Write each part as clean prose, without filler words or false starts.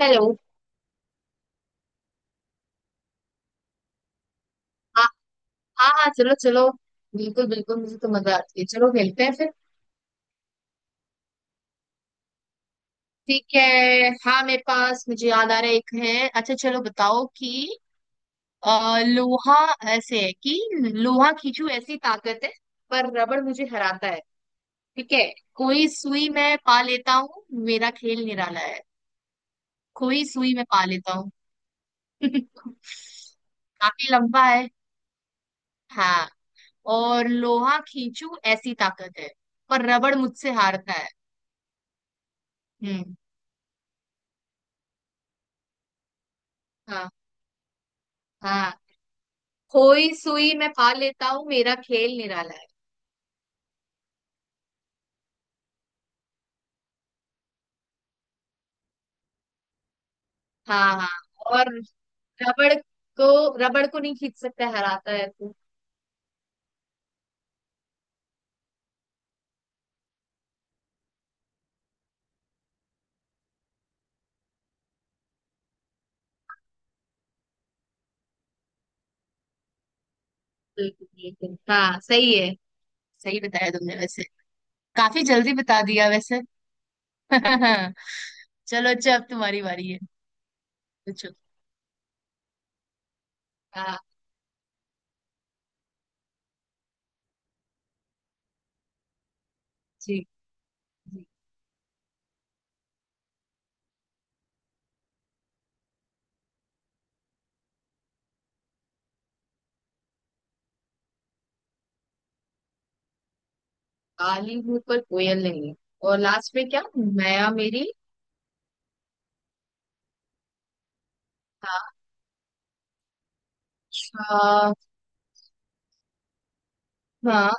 Hello. हाँ। हाँ हाँ चलो चलो। बिल्कुल बिल्कुल मुझे तो मजा आती है। चलो खेलते हैं फिर। ठीक है। हाँ मेरे पास मुझे याद आ रहा है एक है। अच्छा चलो बताओ कि अ, लोहा। ऐसे है कि लोहा खींचू ऐसी ताकत है। पर रबड़ मुझे हराता है। ठीक है। कोई सुई मैं पा लेता हूँ। मेरा खेल निराला है। कोई सुई मैं पा लेता हूँ। काफी लंबा है। हाँ। और लोहा खींचू ऐसी ताकत है। पर रबड़ मुझसे हारता है। हम्म। हाँ हाँ। खोई सुई मैं पा लेता हूँ। मेरा खेल निराला है। हाँ हाँ। और रबड़ रबड़ को नहीं खींच सकता। हराता है तू। बिल्कुल बिल्कुल हाँ सही है। सही बताया तुमने वैसे। काफी जल्दी बता दिया वैसे। चलो अच्छा। अब तुम्हारी बारी है। पूछो। हाँ। जी जी। काली हूँ पर कोयल नहीं। और लास्ट में क्या माया मेरी? हाँ। अच्छा, हाँ।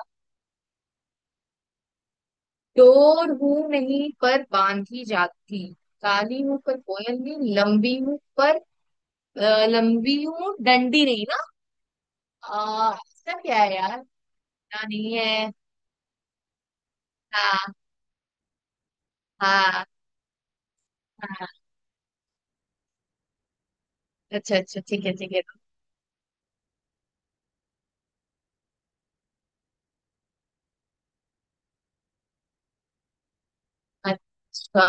डोर हूं नहीं पर बांधी जाती। काली हूं पर कोयल नहीं। लंबी हूं पर लंबी हूँ डंडी नहीं ना? इसका क्या है यार? ना नहीं है। हाँ हाँ हाँ। अच्छा अच्छा ठीक है ठीक है। अच्छा।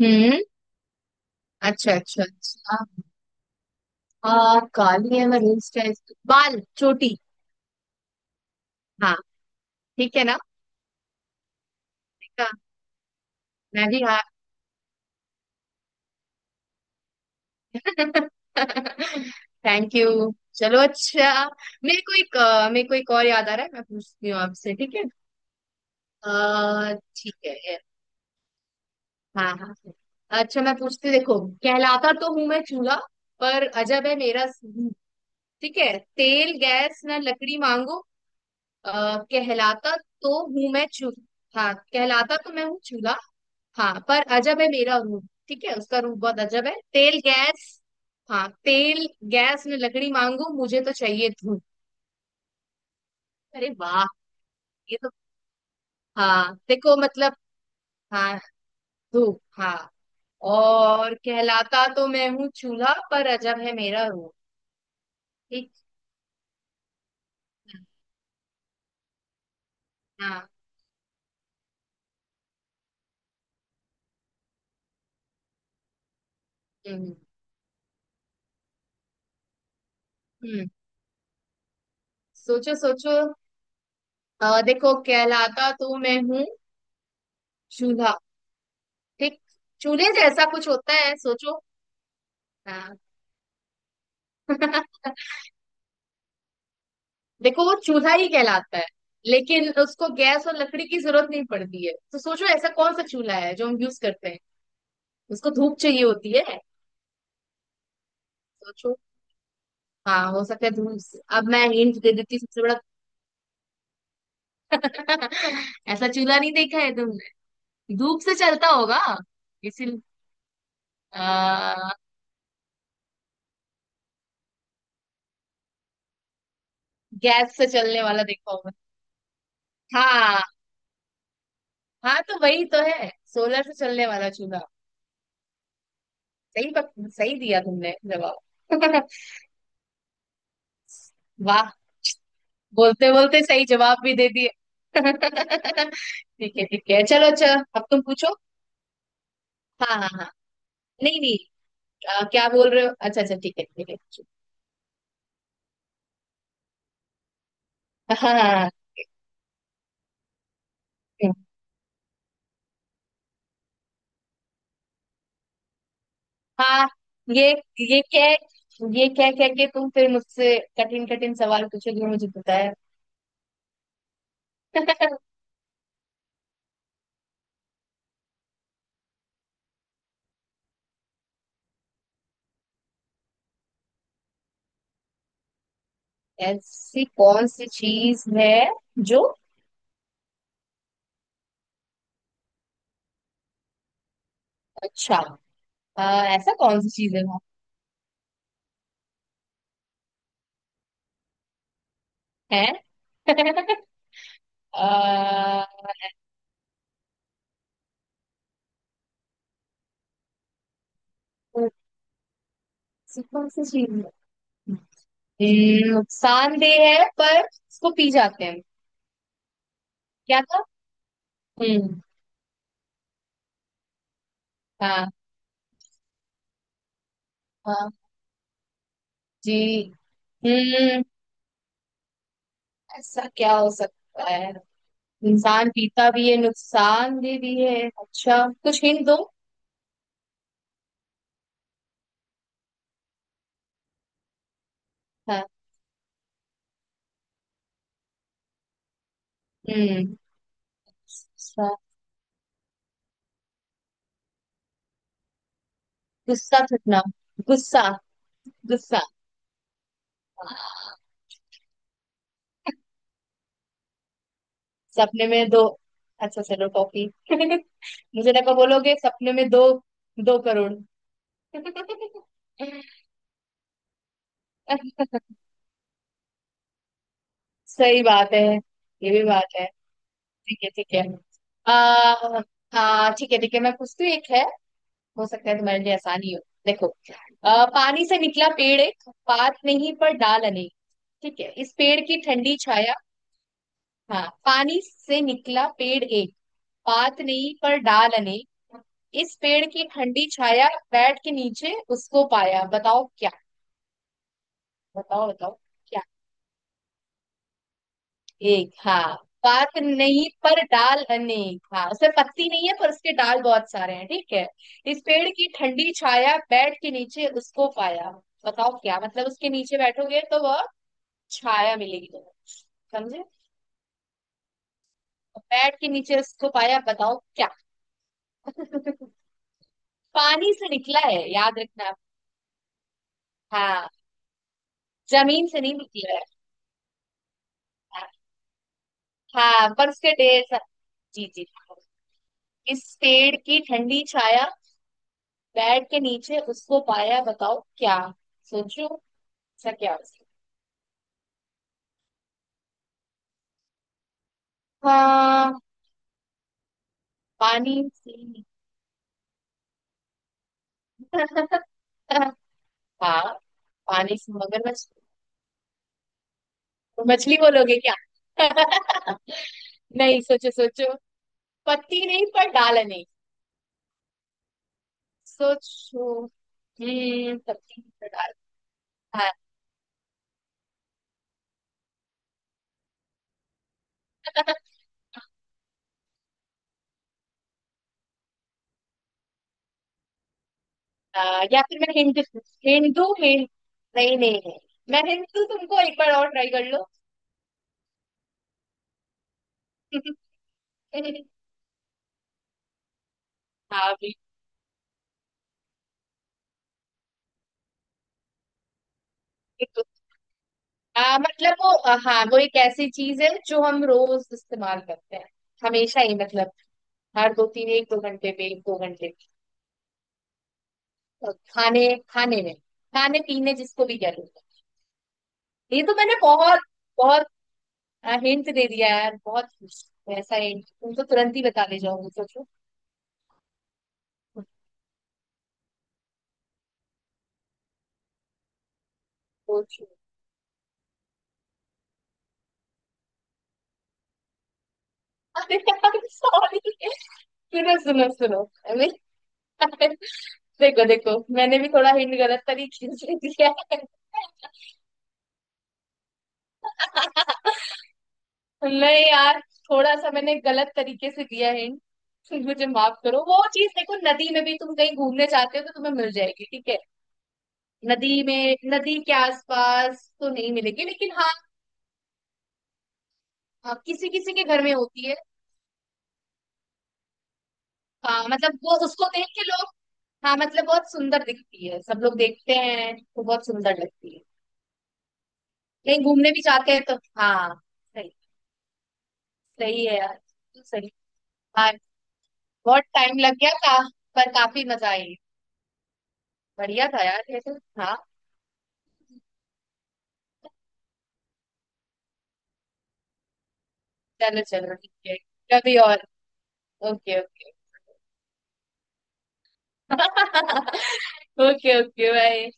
हम्म। अच्छा अच्छा अच्छा। हाँ काली है मैं रेस्ट है। बाल चोटी। हाँ। ठीक है ना? ठीक है। मैं भी हाँ। Thank you. चलो अच्छा। मेरे को एक और याद आ रहा है। मैं पूछती हूँ आपसे ठीक है? ठीक है हाँ हाँ। अच्छा मैं पूछती हूँ, देखो। कहलाता तो हूं मैं चूल्हा। पर अजब है मेरा रूप। ठीक है तेल गैस ना लकड़ी मांगो। अ, कहलाता तो हूं मैं चूल्हा। हाँ कहलाता तो मैं हूँ चूल्हा। हाँ पर अजब है मेरा रूप। ठीक है उसका रूप बहुत अजब है। तेल गैस। हाँ तेल गैस में लकड़ी मांगू मुझे तो चाहिए धूप। अरे वाह। ये तो। हाँ देखो मतलब। हाँ धूप हाँ। और कहलाता तो मैं हूँ चूल्हा। पर अजब है मेरा रूप। ठीक? है? हाँ। हम्म। हम्म। सोचो सोचो। देखो कहलाता तो मैं हूँ चूल्हा। ठीक। चूल्हे जैसा कुछ होता है सोचो। हाँ। देखो वो चूल्हा ही कहलाता है। लेकिन उसको गैस और लकड़ी की जरूरत नहीं पड़ती है। तो सोचो ऐसा कौन सा चूल्हा है जो हम यूज करते हैं। उसको धूप चाहिए होती है। सोचो। हाँ हो सकता है अब मैं हिंट दे देती हूँ सबसे बड़ा। ऐसा चूल्हा नहीं देखा है तुमने। धूप से चलता होगा इसी। आ, गैस से चलने वाला देखा होगा। हाँ हाँ तो वही तो है। सोलर से चलने वाला चूल्हा। सही पक, सही दिया तुमने जवाब। वाह। बोलते बोलते सही जवाब भी दे दिए। ठीक है चलो अच्छा। अब तुम पूछो। हाँ हाँ हाँ। नहीं नहीं। क्या बोल रहे हो? अच्छा अच्छा ठीक है पूछो। हाँ हाँ। हम्म। हाँ, हाँ। हाँ, ये ये क्या ये क्या क्या के तुम फिर मुझसे कठिन कठिन सवाल पूछोगे? मुझे पता है। ऐसी कौन सी चीज है जो? अच्छा। ऐसा कौन सी चीज है वहाँ? है। आ, ऐसी कौन सी चीज है। नुकसानदेह है पर इसको पी जाते हैं। क्या था? हम्म। हाँ। हाँ। जी। हम्म। ऐसा क्या हो सकता है? इंसान पीता भी है नुकसान दे भी है। अच्छा कुछ हिंट दो। हाँ। हम्म। गुस्सा। गुस्सा थकना। गुस्सा। गुस्सा। हाँ, सपने में दो। अच्छा चलो टॉफी। मुझे लगा बोलोगे सपने में दो 2 करोड़। सही बात है। ये भी बात है। ठीक है ठीक है। आ, हाँ ठीक है मैं पूछती हूँ एक है। हो सकता है तुम्हारे लिए आसानी हो। देखो। पानी से निकला पेड़ एक। पात नहीं पर डाल अनेक। ठीक है। इस पेड़ की ठंडी छाया। हाँ पानी से निकला पेड़ एक। पात नहीं पर डाल अनेक। इस पेड़ की ठंडी छाया। बैठ के नीचे उसको पाया बताओ क्या। बताओ बताओ। एक हाँ। पात नहीं पर डाल अनेक। हाँ उसमें पत्ती नहीं है पर उसके डाल बहुत सारे हैं ठीक है। इस पेड़ की ठंडी छाया। बैठ के नीचे उसको पाया बताओ क्या मतलब? उसके नीचे बैठोगे तो वह छाया मिलेगी तुम्हें। समझे? बैठ के नीचे उसको पाया बताओ क्या। पानी से निकला है याद रखना। हाँ जमीन से नहीं निकला है। हाँ हाँ, पर उसके ढेर सा। जी जी। इस पेड़ की ठंडी छाया। बेड के नीचे उसको पाया बताओ क्या। सोचो। ऐसा क्या हो सकता है? हाँ पानी से। हाँ पानी से मगरमच्छ। तो मछली बोलोगे क्या? नहीं सोचो सोचो। पत्ती नहीं पर डाल नहीं। सोचो। पत्ती नहीं पर डाल। हाँ। या फिर मैं हिंदू। हिंदू हिंद नहीं नहीं नहीं। मैं हिंदू तुमको एक बार और ट्राई कर लो। हाँ बिल्कुल। मतलब वो हाँ वो एक ऐसी चीज है जो हम रोज इस्तेमाल करते हैं। हमेशा ही मतलब। हर दो तीन एक दो घंटे पे एक दो घंटे पे। और खाने। खाने में खाने पीने जिसको भी कह लो। ये तो मैंने बहुत बहुत हिंट दे दिया यार बहुत। ऐसा हिंट तुम तो तुरंत ही बता ले जाओगे। सोचो सोचो। अरे यार। सॉरी। सुनो सुनो सुनो। अरे, देखो देखो मैंने भी थोड़ा हिंट गलत तरीके से दिया। नहीं यार। थोड़ा सा मैंने गलत तरीके से दिया हिंट। मुझे माफ करो। वो चीज देखो नदी में भी तुम कहीं घूमने जाते हो तो तुम्हें मिल जाएगी ठीक है। नदी में नदी के आसपास तो नहीं मिलेगी लेकिन हाँ। किसी किसी के घर में होती है। हाँ मतलब वो उसको देख के लोग। हाँ मतलब बहुत सुंदर दिखती है। सब लोग देखते हैं तो बहुत सुंदर लगती है। कहीं घूमने भी जाते हैं तो। हाँ। सही। सही है यार बिल्कुल सही। हाँ। बहुत टाइम लग गया था। पर काफी मजा आई। बढ़िया था यार ये तो। हाँ। चलो चलो ठीक है। कभी और। Okay okay. Okay okay bye.